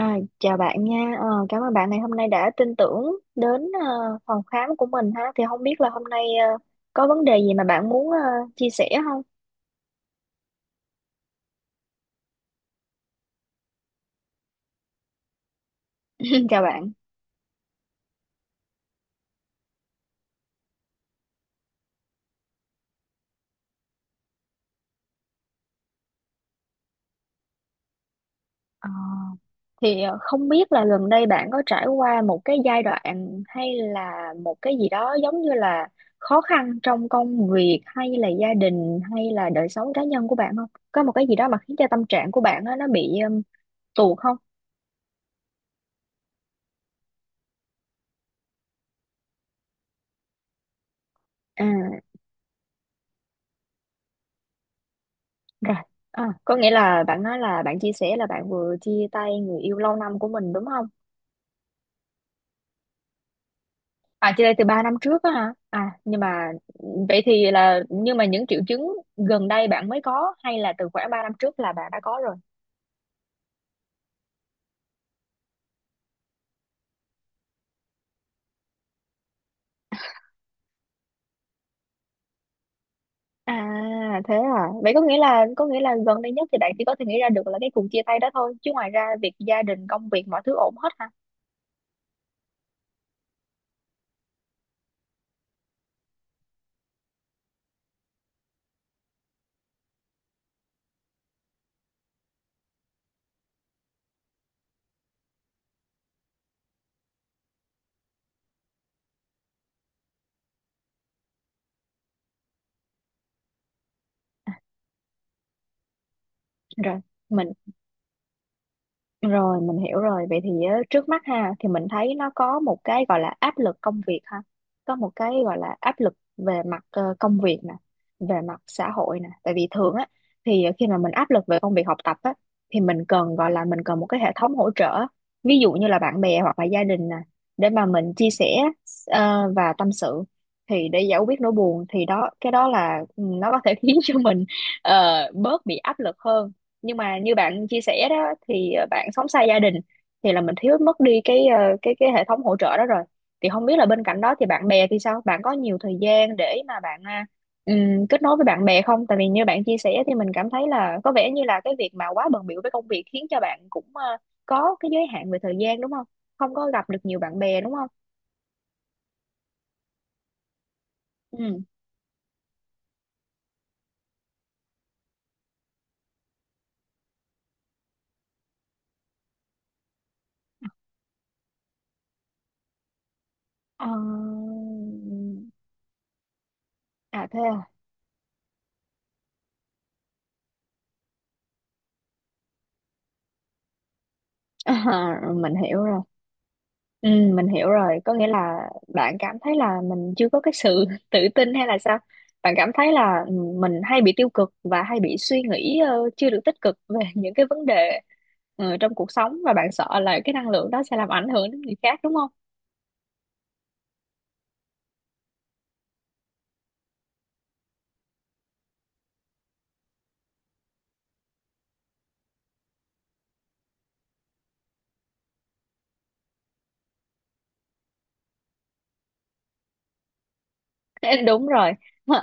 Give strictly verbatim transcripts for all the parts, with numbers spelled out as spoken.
À, chào bạn nha. Ờ, cảm ơn bạn ngày hôm nay đã tin tưởng đến ờ, phòng khám của mình ha. Thì không biết là hôm nay ờ, có vấn đề gì mà bạn muốn ờ, chia sẻ không? Chào bạn. Ờ, thì ờ, không biết là gần đây bạn có trải qua một cái giai đoạn hay là một cái gì đó giống như là khó khăn trong công việc hay là gia đình hay là đời sống cá nhân của bạn không? Có một cái gì đó mà khiến cho tâm trạng của bạn á, nó bị um, tuột không? À. Rồi, à, có nghĩa là bạn nói là bạn chia sẻ là bạn vừa chia tay người yêu lâu năm của mình đúng không? À, chia tay từ ba năm trước á hả? À, nhưng mà vậy thì là nhưng mà những triệu chứng gần đây bạn mới có hay là từ khoảng ba năm trước là bạn đã có rồi? À, thế à. Vậy có nghĩa là có nghĩa là gần đây nhất thì bạn chỉ có thể nghĩ ra được là cái cuộc chia tay đó thôi, chứ ngoài ra việc gia đình, công việc mọi thứ ổn hết hả? À, rồi, mình Rồi mình hiểu rồi. Vậy thì á, trước mắt ha thì mình thấy nó có một cái gọi là áp lực công việc ha. Có một cái gọi là áp lực về mặt ờ, công việc nè, về mặt xã hội nè. Tại vì thường á thì khi mà mình áp lực về công việc học tập á thì mình cần gọi là mình cần một cái hệ thống hỗ trợ. Ví dụ như là bạn bè hoặc là gia đình nè để mà mình chia sẻ ờ, và tâm sự thì để giải quyết nỗi buồn thì đó cái đó là ừ, nó có thể khiến cho mình ờ, bớt bị áp lực hơn, nhưng mà như bạn chia sẻ đó thì ờ, bạn sống xa gia đình thì là mình thiếu mất đi cái ờ, cái cái hệ thống hỗ trợ đó rồi. Thì không biết là bên cạnh đó thì bạn bè thì sao, bạn có nhiều thời gian để mà bạn à, ừm, kết nối với bạn bè không? Tại vì như bạn chia sẻ thì mình cảm thấy là có vẻ như là cái việc mà quá bận bịu với công việc khiến cho bạn cũng ờ, có cái giới hạn về thời gian đúng không, không có gặp được nhiều bạn bè đúng không? Ừ. Ờ, à thế à, mình hiểu rồi. Ừ, mình hiểu rồi, có nghĩa là bạn cảm thấy là mình chưa có cái sự tự tin hay là sao? Bạn cảm thấy là ừ, mình hay bị tiêu cực và hay bị suy nghĩ ờ, chưa được tích cực về những cái vấn đề ờ, trong cuộc sống, và bạn sợ là cái năng lượng đó sẽ làm ảnh hưởng đến người khác đúng không? Đúng rồi,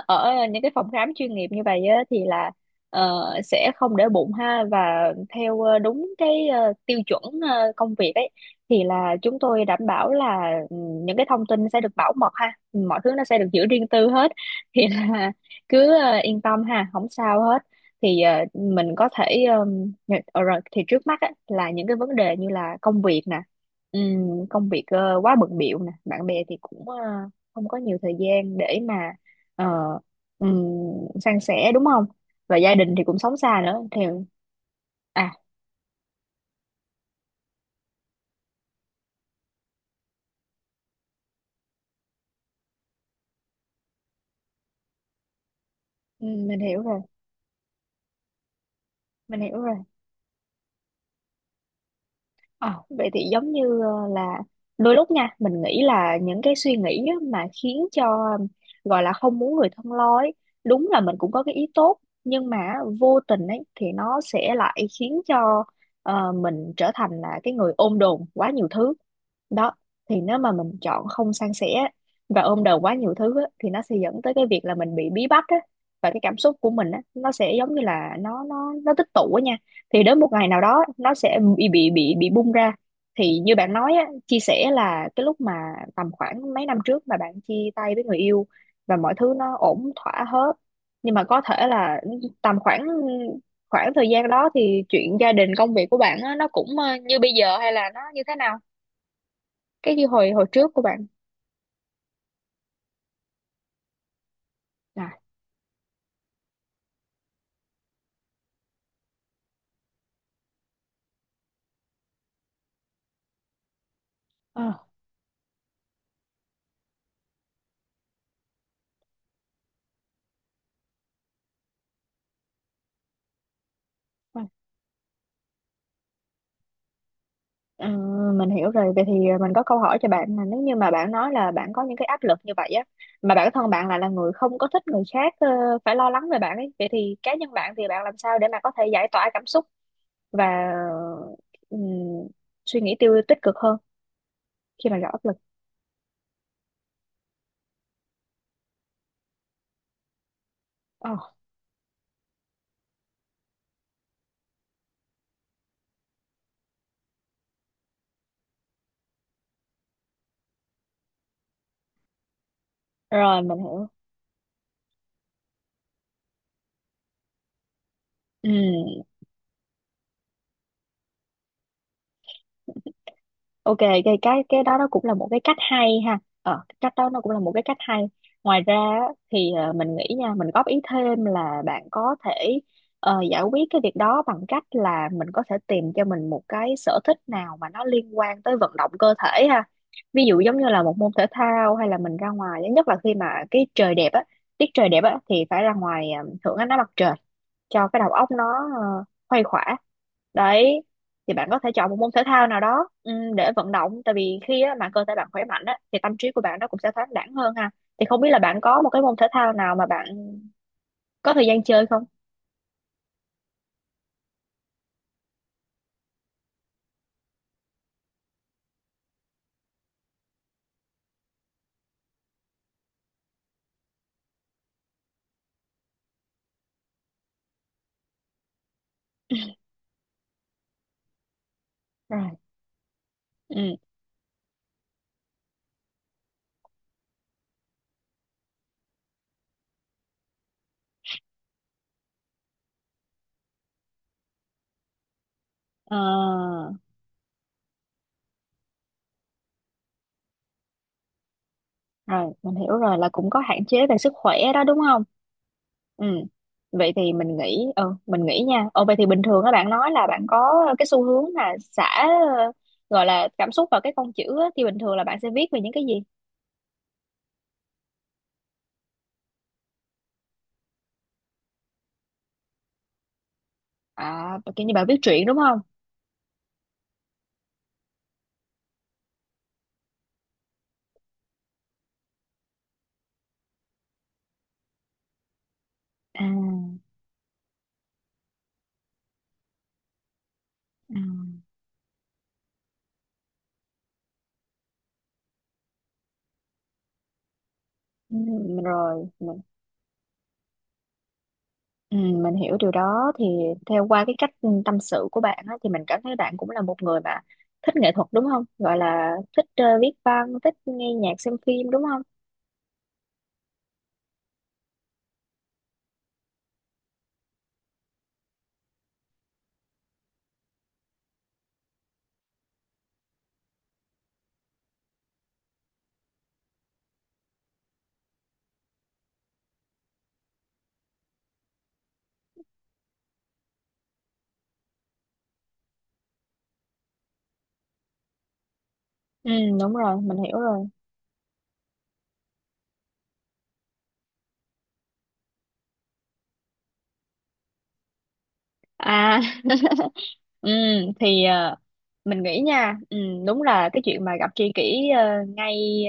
ở những cái phòng khám chuyên nghiệp như vậy á, thì là ờ, sẽ không để bụng ha, và theo ờ, đúng cái ờ, tiêu chuẩn ờ, công việc ấy thì là chúng tôi đảm bảo là ừ, những cái thông tin sẽ được bảo mật ha, mọi thứ nó sẽ được giữ riêng tư hết. Thì là cứ ờ, yên tâm ha, không sao hết. Thì ờ, mình có thể ờm, ờ, rồi thì trước mắt á, là những cái vấn đề như là công việc nè, ừm, công việc ờ, quá bận bịu nè, bạn bè thì cũng ờ, không có nhiều thời gian để mà ờ, ừm, san sẻ đúng không, và gia đình thì cũng sống xa nữa thì à, ừm, mình hiểu rồi, mình hiểu rồi. Ờ, vậy thì giống như ờ, là đôi lúc nha mình nghĩ là những cái suy nghĩ á mà khiến cho ờ, gọi là không muốn người thân lo ấy, đúng là mình cũng có cái ý tốt, nhưng mà vô tình ấy thì nó sẽ lại khiến cho ờ, mình trở thành là cái người ôm đồm quá nhiều thứ đó. Thì nếu mà mình chọn không san sẻ và ôm đồm quá nhiều thứ á, thì nó sẽ dẫn tới cái việc là mình bị bí bách á, và cái cảm xúc của mình á, nó sẽ giống như là nó nó nó tích tụ á nha, thì đến một ngày nào đó nó sẽ bị bị bị bị bung ra. Thì như bạn nói á, chia sẻ là cái lúc mà tầm khoảng mấy năm trước mà bạn chia tay với người yêu và mọi thứ nó ổn thỏa hết, nhưng mà có thể là tầm khoảng khoảng thời gian đó thì chuyện gia đình công việc của bạn á, nó cũng ờ, như bây giờ hay là nó như thế nào, cái như hồi hồi trước của bạn. à, ờ, Ờ, mình hiểu rồi. Vậy thì ờ, mình có câu hỏi cho bạn là nếu như mà bạn nói là bạn có những cái áp lực như vậy á, mà bản thân bạn lại là người không có thích người khác ờ, phải lo lắng về bạn ấy, vậy thì cá nhân bạn thì bạn làm sao để mà có thể giải tỏa cảm xúc và ừm, suy nghĩ tiêu tích cực hơn khi mà gặp áp lực? Ờ, Rồi, mình hiểu. Ừ. Ok, cái cái cái đó nó cũng là một cái cách hay ha. Ờ, cái cách đó nó cũng là một cái cách hay. Ngoài ra á, thì ờ, mình nghĩ nha, mình góp ý thêm là bạn có thể ờ, giải quyết cái việc đó bằng cách là mình có thể tìm cho mình một cái sở thích nào mà nó liên quan tới vận động cơ thể ha. Ví dụ giống như là một môn thể thao, hay là mình ra ngoài, nhất là khi mà cái trời đẹp á, tiết trời đẹp á thì phải ra ngoài ờ, hưởng ánh nắng mặt trời cho cái đầu óc nó ờ, khuây khỏa đấy. Thì bạn có thể chọn một môn thể thao nào đó ừm, để vận động, tại vì khi á, mà cơ thể bạn khỏe mạnh á, thì tâm trí của bạn nó cũng sẽ thoáng đãng hơn ha. Thì không biết là bạn có một cái môn thể thao nào mà bạn có thời gian chơi không? À, ừ Ờ, Rồi, mình hiểu rồi là cũng có hạn chế về sức khỏe đó đúng không? Ừ. Vậy thì mình nghĩ ừ, mình nghĩ nha. Ồ vậy thì bình thường các bạn nói là bạn có cái xu hướng là xả ờ, gọi là cảm xúc vào cái con chữ á, thì bình thường là bạn sẽ viết về những cái gì? À kiểu như bạn viết truyện đúng không? À, à, ừ, rồi mình, ừ, mình hiểu điều đó. Thì theo qua cái cách tâm sự của bạn á, thì mình cảm thấy bạn cũng là một người mà thích nghệ thuật đúng không? Gọi là thích ờ, viết văn, thích nghe nhạc, xem phim đúng không? Ừ, đúng rồi, mình hiểu rồi. À, Ừ, thì ờ, mình nghĩ nha ừ, đúng là cái chuyện mà gặp tri kỷ ờ, ngay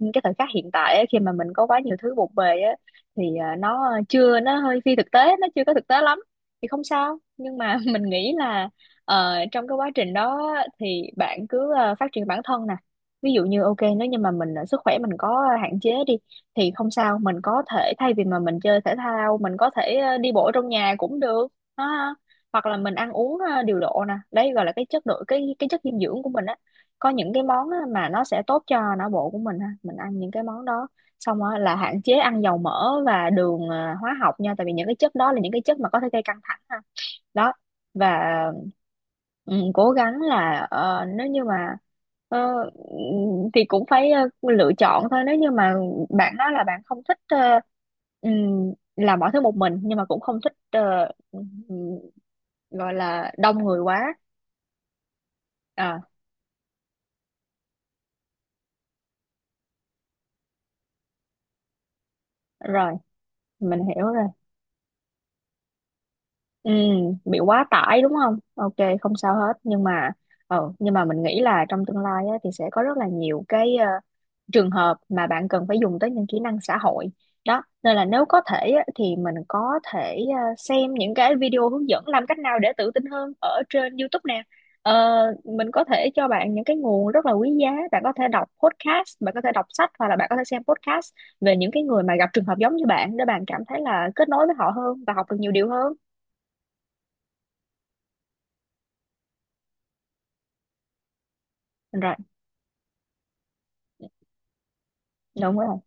ờ, cái thời khắc hiện tại ấy, khi mà mình có quá nhiều thứ bộn bề á thì ờ, nó chưa nó hơi phi thực tế, nó chưa có thực tế lắm, thì không sao. Nhưng mà mình nghĩ là ờ, trong cái quá trình đó á, thì bạn cứ ờ, phát triển bản thân nè. Ví dụ như ok, nếu như mà mình ờ, sức khỏe mình có hạn chế đi thì không sao, mình có thể thay vì mà mình chơi thể thao, mình có thể ờ, đi bộ trong nhà cũng được ha. Hoặc là mình ăn uống ờ, điều độ nè, đấy gọi là cái chất độ cái cái chất dinh dưỡng của mình á, có những cái món á, mà nó sẽ tốt cho não bộ của mình ha, mình ăn những cái món đó. Xong á, là hạn chế ăn dầu mỡ và đường ờ, hóa học nha, tại vì những cái chất đó là những cái chất mà có thể gây căng thẳng ha đó. Và ừ, cố gắng là ờ, nếu như mà ờ, thì cũng phải ờ, lựa chọn thôi. Nếu như mà bạn nói là bạn không thích ờ, ừm, làm mọi thứ một mình, nhưng mà cũng không thích ờ, ừm, gọi là đông người quá. à Rồi mình hiểu rồi. Ừ, bị quá tải đúng không? Ok, không sao hết. Nhưng mà ờ, nhưng mà mình nghĩ là trong tương lai á, thì sẽ có rất là nhiều cái ờ, trường hợp mà bạn cần phải dùng tới những kỹ năng xã hội. Đó, nên là nếu có thể á, thì mình có thể ờ, xem những cái video hướng dẫn làm cách nào để tự tin hơn ở trên YouTube nè. Ờ, mình có thể cho bạn những cái nguồn rất là quý giá. Bạn có thể đọc podcast, bạn có thể đọc sách, hoặc là bạn có thể xem podcast về những cái người mà gặp trường hợp giống như bạn, để bạn cảm thấy là kết nối với họ hơn và học được nhiều điều hơn. Rồi đúng rồi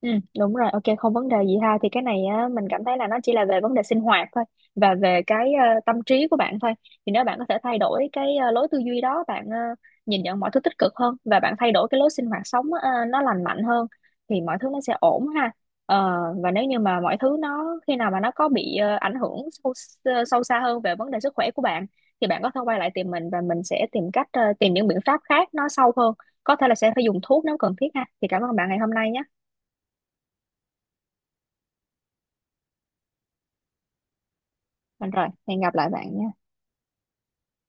ừ, Đúng rồi, ok, không vấn đề gì ha. Thì cái này á, mình cảm thấy là nó chỉ là về vấn đề sinh hoạt thôi và về cái ờ, tâm trí của bạn thôi. Thì nếu bạn có thể thay đổi cái ờ, lối tư duy đó, bạn ờ, nhìn nhận mọi thứ tích cực hơn, và bạn thay đổi cái lối sinh hoạt sống ờ, nó lành mạnh hơn, thì mọi thứ nó sẽ ổn ha. Ờ, và nếu như mà mọi thứ nó khi nào mà nó có bị ờ, ảnh hưởng sâu, sâu xa hơn về vấn đề sức khỏe của bạn, thì bạn có thể quay lại tìm mình và mình sẽ tìm cách ờ, tìm những biện pháp khác nó sâu hơn, có thể là sẽ phải dùng thuốc nếu cần thiết ha. Thì cảm ơn bạn ngày hôm nay nhé. Đúng rồi, hẹn gặp lại bạn nhé.